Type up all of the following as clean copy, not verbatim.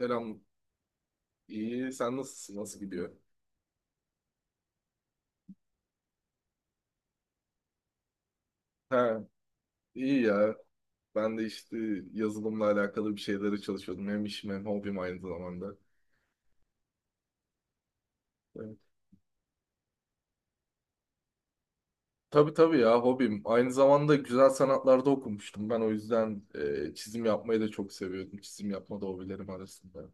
Selam. İyi. Sen nasılsın? Nasıl gidiyor? Ha, iyi ya. Ben de işte yazılımla alakalı bir şeylere çalışıyordum. Hem işim hem hobim aynı zamanda. Evet. Tabii tabii ya hobim. Aynı zamanda güzel sanatlarda okumuştum. Ben o yüzden çizim yapmayı da çok seviyordum. Çizim yapma da hobilerim arasında.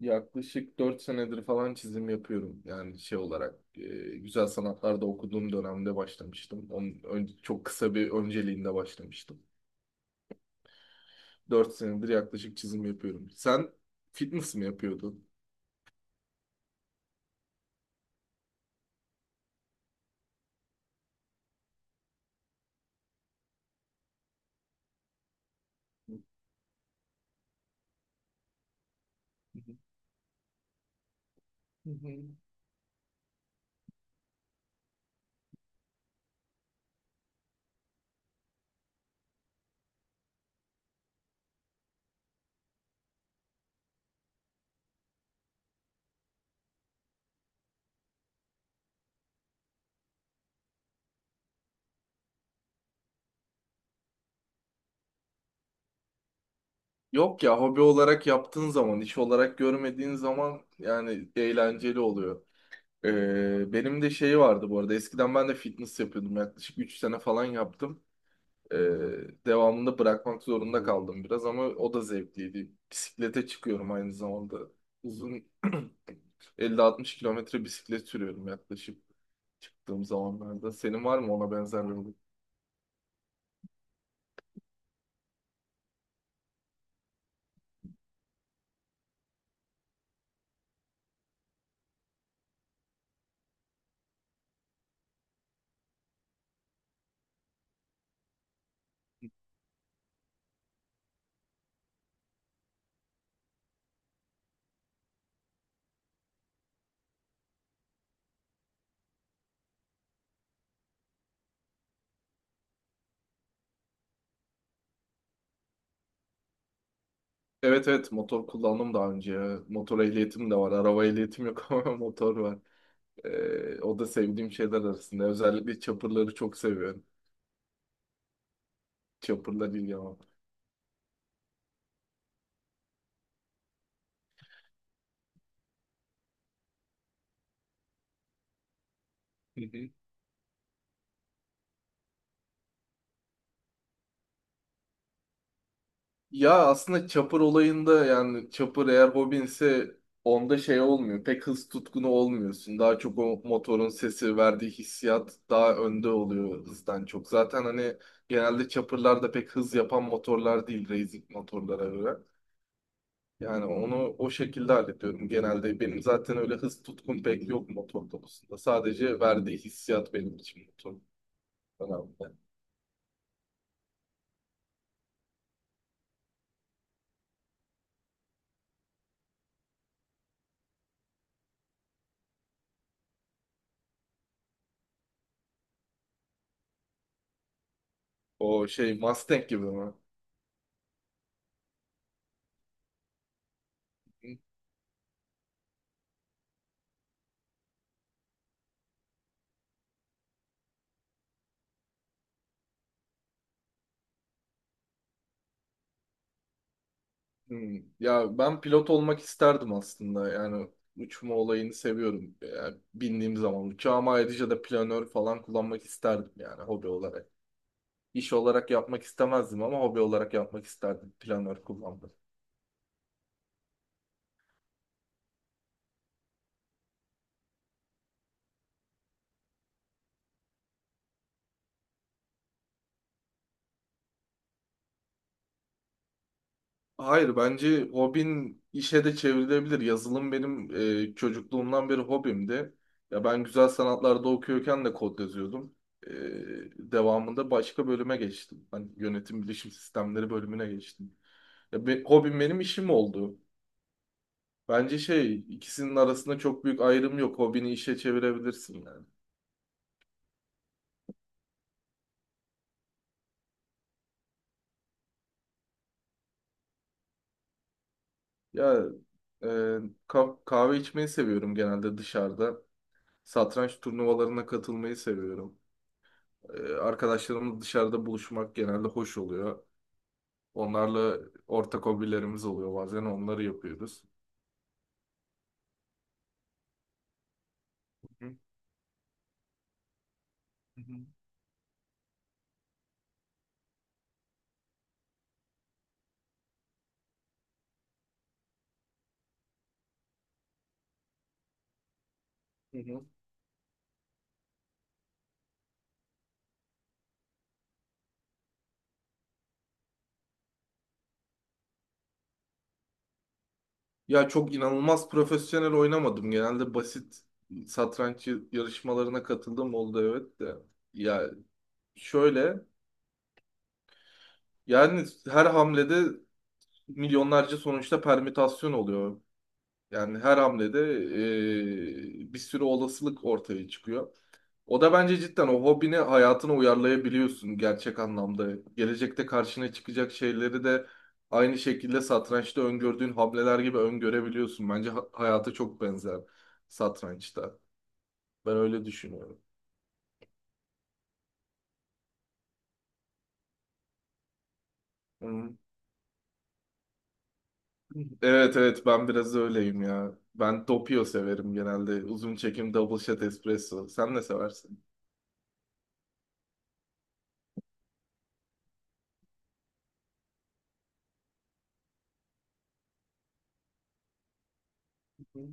Yaklaşık 4 senedir falan çizim yapıyorum. Yani şey olarak güzel sanatlarda okuduğum dönemde başlamıştım. Çok kısa bir önceliğinde başlamıştım. 4 senedir yaklaşık çizim yapıyorum. Sen fitness mi yapıyordun? Hı hı. Yok ya hobi olarak yaptığın zaman, iş olarak görmediğin zaman yani eğlenceli oluyor. Benim de şey vardı bu arada. Eskiden ben de fitness yapıyordum. Yaklaşık 3 sene falan yaptım. Ee, Devamında bırakmak zorunda kaldım biraz ama o da zevkliydi. Bisiklete çıkıyorum aynı zamanda. Uzun 50-60 kilometre bisiklet sürüyorum yaklaşık çıktığım zamanlarda. Senin var mı ona benzer bir evet evet motor kullandım daha önce. Ya. Motor ehliyetim de var. Araba ehliyetim yok ama motor var. O da sevdiğim şeyler arasında. Özellikle chopper'ları çok seviyorum. Chopper'la ilgilenmem. Hı hı. Ya aslında chopper olayında yani chopper eğer hobinse onda şey olmuyor. Pek hız tutkunu olmuyorsun. Daha çok o motorun sesi verdiği hissiyat daha önde oluyor hızdan çok. Zaten hani genelde chopper'lar da pek hız yapan motorlar değil racing motorlara göre. Yani onu o şekilde hallediyorum genelde. Benim zaten öyle hız tutkum pek yok motor konusunda. Sadece verdiği hissiyat benim için motor önemli. O şey Mustang gibi mi? Hmm. Ya ben pilot olmak isterdim aslında. Yani uçma olayını seviyorum. Yani bindiğim zaman uçağıma ayrıca da planör falan kullanmak isterdim yani hobi olarak. İş olarak yapmak istemezdim ama hobi olarak yapmak isterdim planör kullanmayı. Hayır bence hobin işe de çevrilebilir. Yazılım benim çocukluğumdan beri hobimdi. Ya ben güzel sanatlarda okuyorken de kod yazıyordum. E, Devamında başka bölüme geçtim. Hani yönetim bilişim sistemleri bölümüne geçtim. Hobim benim işim oldu. Bence şey ikisinin arasında çok büyük ayrım yok. Hobini işe çevirebilirsin yani. Ya e, kahve içmeyi seviyorum genelde dışarıda. Satranç turnuvalarına katılmayı seviyorum. Arkadaşlarımız dışarıda buluşmak genelde hoş oluyor. Onlarla ortak hobilerimiz oluyor bazen onları yapıyoruz. Hı hı hı. Hı. Ya çok inanılmaz profesyonel oynamadım. Genelde basit satranç yarışmalarına katıldım oldu evet de. Ya şöyle yani her hamlede milyonlarca sonuçta permütasyon oluyor. Yani her hamlede bir sürü olasılık ortaya çıkıyor. O da bence cidden o hobini hayatına uyarlayabiliyorsun gerçek anlamda. Gelecekte karşına çıkacak şeyleri de aynı şekilde satrançta öngördüğün hamleler gibi öngörebiliyorsun. Bence hayata çok benzer satrançta. Ben öyle düşünüyorum. Hı. Evet evet ben biraz öyleyim ya. Ben Doppio severim genelde. Uzun çekim double shot espresso. Sen ne seversin? Hı.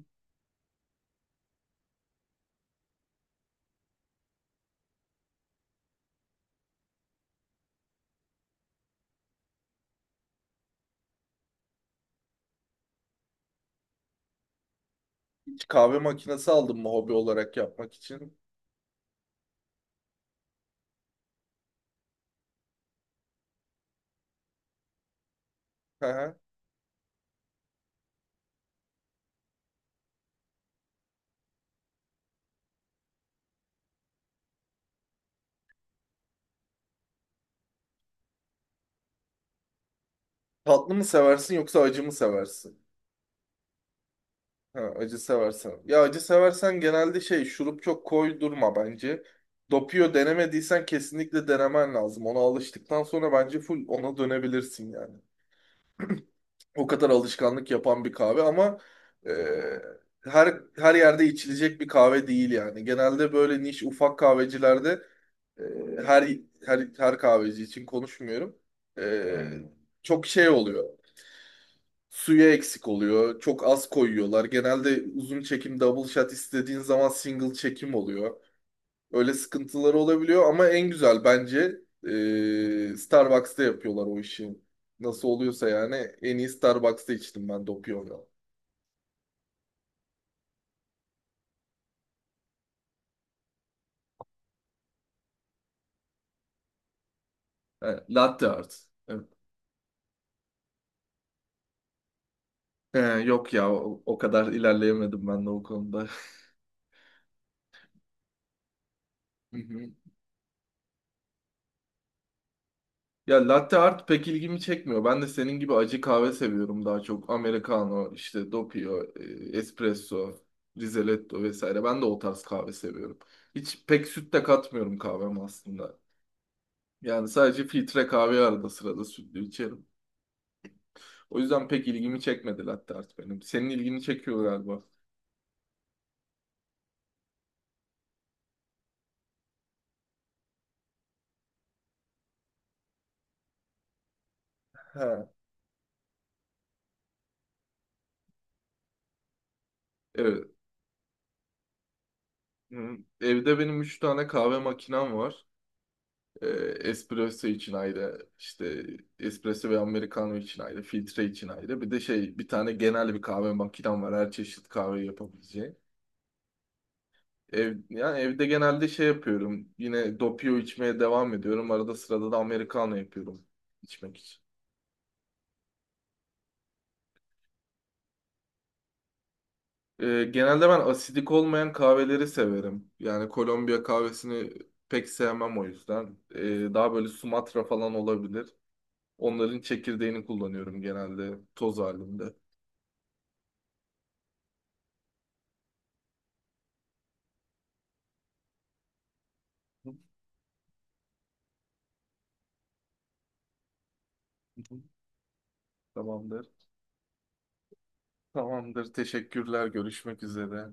Hiç kahve makinesi aldın mı hobi olarak yapmak için? Hı hı. Tatlı mı seversin yoksa acı mı seversin? Ha, acı seversen. Ya acı seversen genelde şey şurup çok koydurma bence. Dopuyor denemediysen kesinlikle denemen lazım. Ona alıştıktan sonra bence full ona dönebilirsin yani. O kadar alışkanlık yapan bir kahve ama e, her her yerde içilecek bir kahve değil yani. Genelde böyle niş ufak kahvecilerde e, her her kahveci için konuşmuyorum. E, Çok şey oluyor. Suyu eksik oluyor. Çok az koyuyorlar. Genelde uzun çekim double shot istediğin zaman single çekim oluyor. Öyle sıkıntıları olabiliyor ama en güzel bence Starbucks'ta yapıyorlar o işi. Nasıl oluyorsa yani en iyi Starbucks'ta içtim ben Doppio'yu. He, latte art. Evet. He, yok ya o, o kadar ilerleyemedim ben de o konuda. Ya latte art pek ilgimi çekmiyor. Ben de senin gibi acı kahve seviyorum daha çok. Americano, işte doppio, espresso, rizeletto vesaire. Ben de o tarz kahve seviyorum. Hiç pek süt de katmıyorum kahveme aslında. Yani sadece filtre kahve arada sırada sütlü içerim. O yüzden pek ilgimi çekmedi latte art benim. Senin ilgini çekiyor galiba. Ha. Evet. Hı. Evde benim 3 tane kahve makinem var. E, Espresso için ayrı, işte espresso ve americano için ayrı, filtre için ayrı. Bir de şey bir tane genel bir kahve makinem var. Her çeşit kahve yapabileceği. Ev, yani evde genelde şey yapıyorum. Yine doppio içmeye devam ediyorum. Arada sırada da americano yapıyorum içmek için. Genelde ben asidik olmayan kahveleri severim. Yani Kolombiya kahvesini pek sevmem o yüzden. Daha böyle Sumatra falan olabilir. Onların çekirdeğini kullanıyorum genelde toz halinde. Tamamdır. Tamamdır. Teşekkürler. Görüşmek üzere.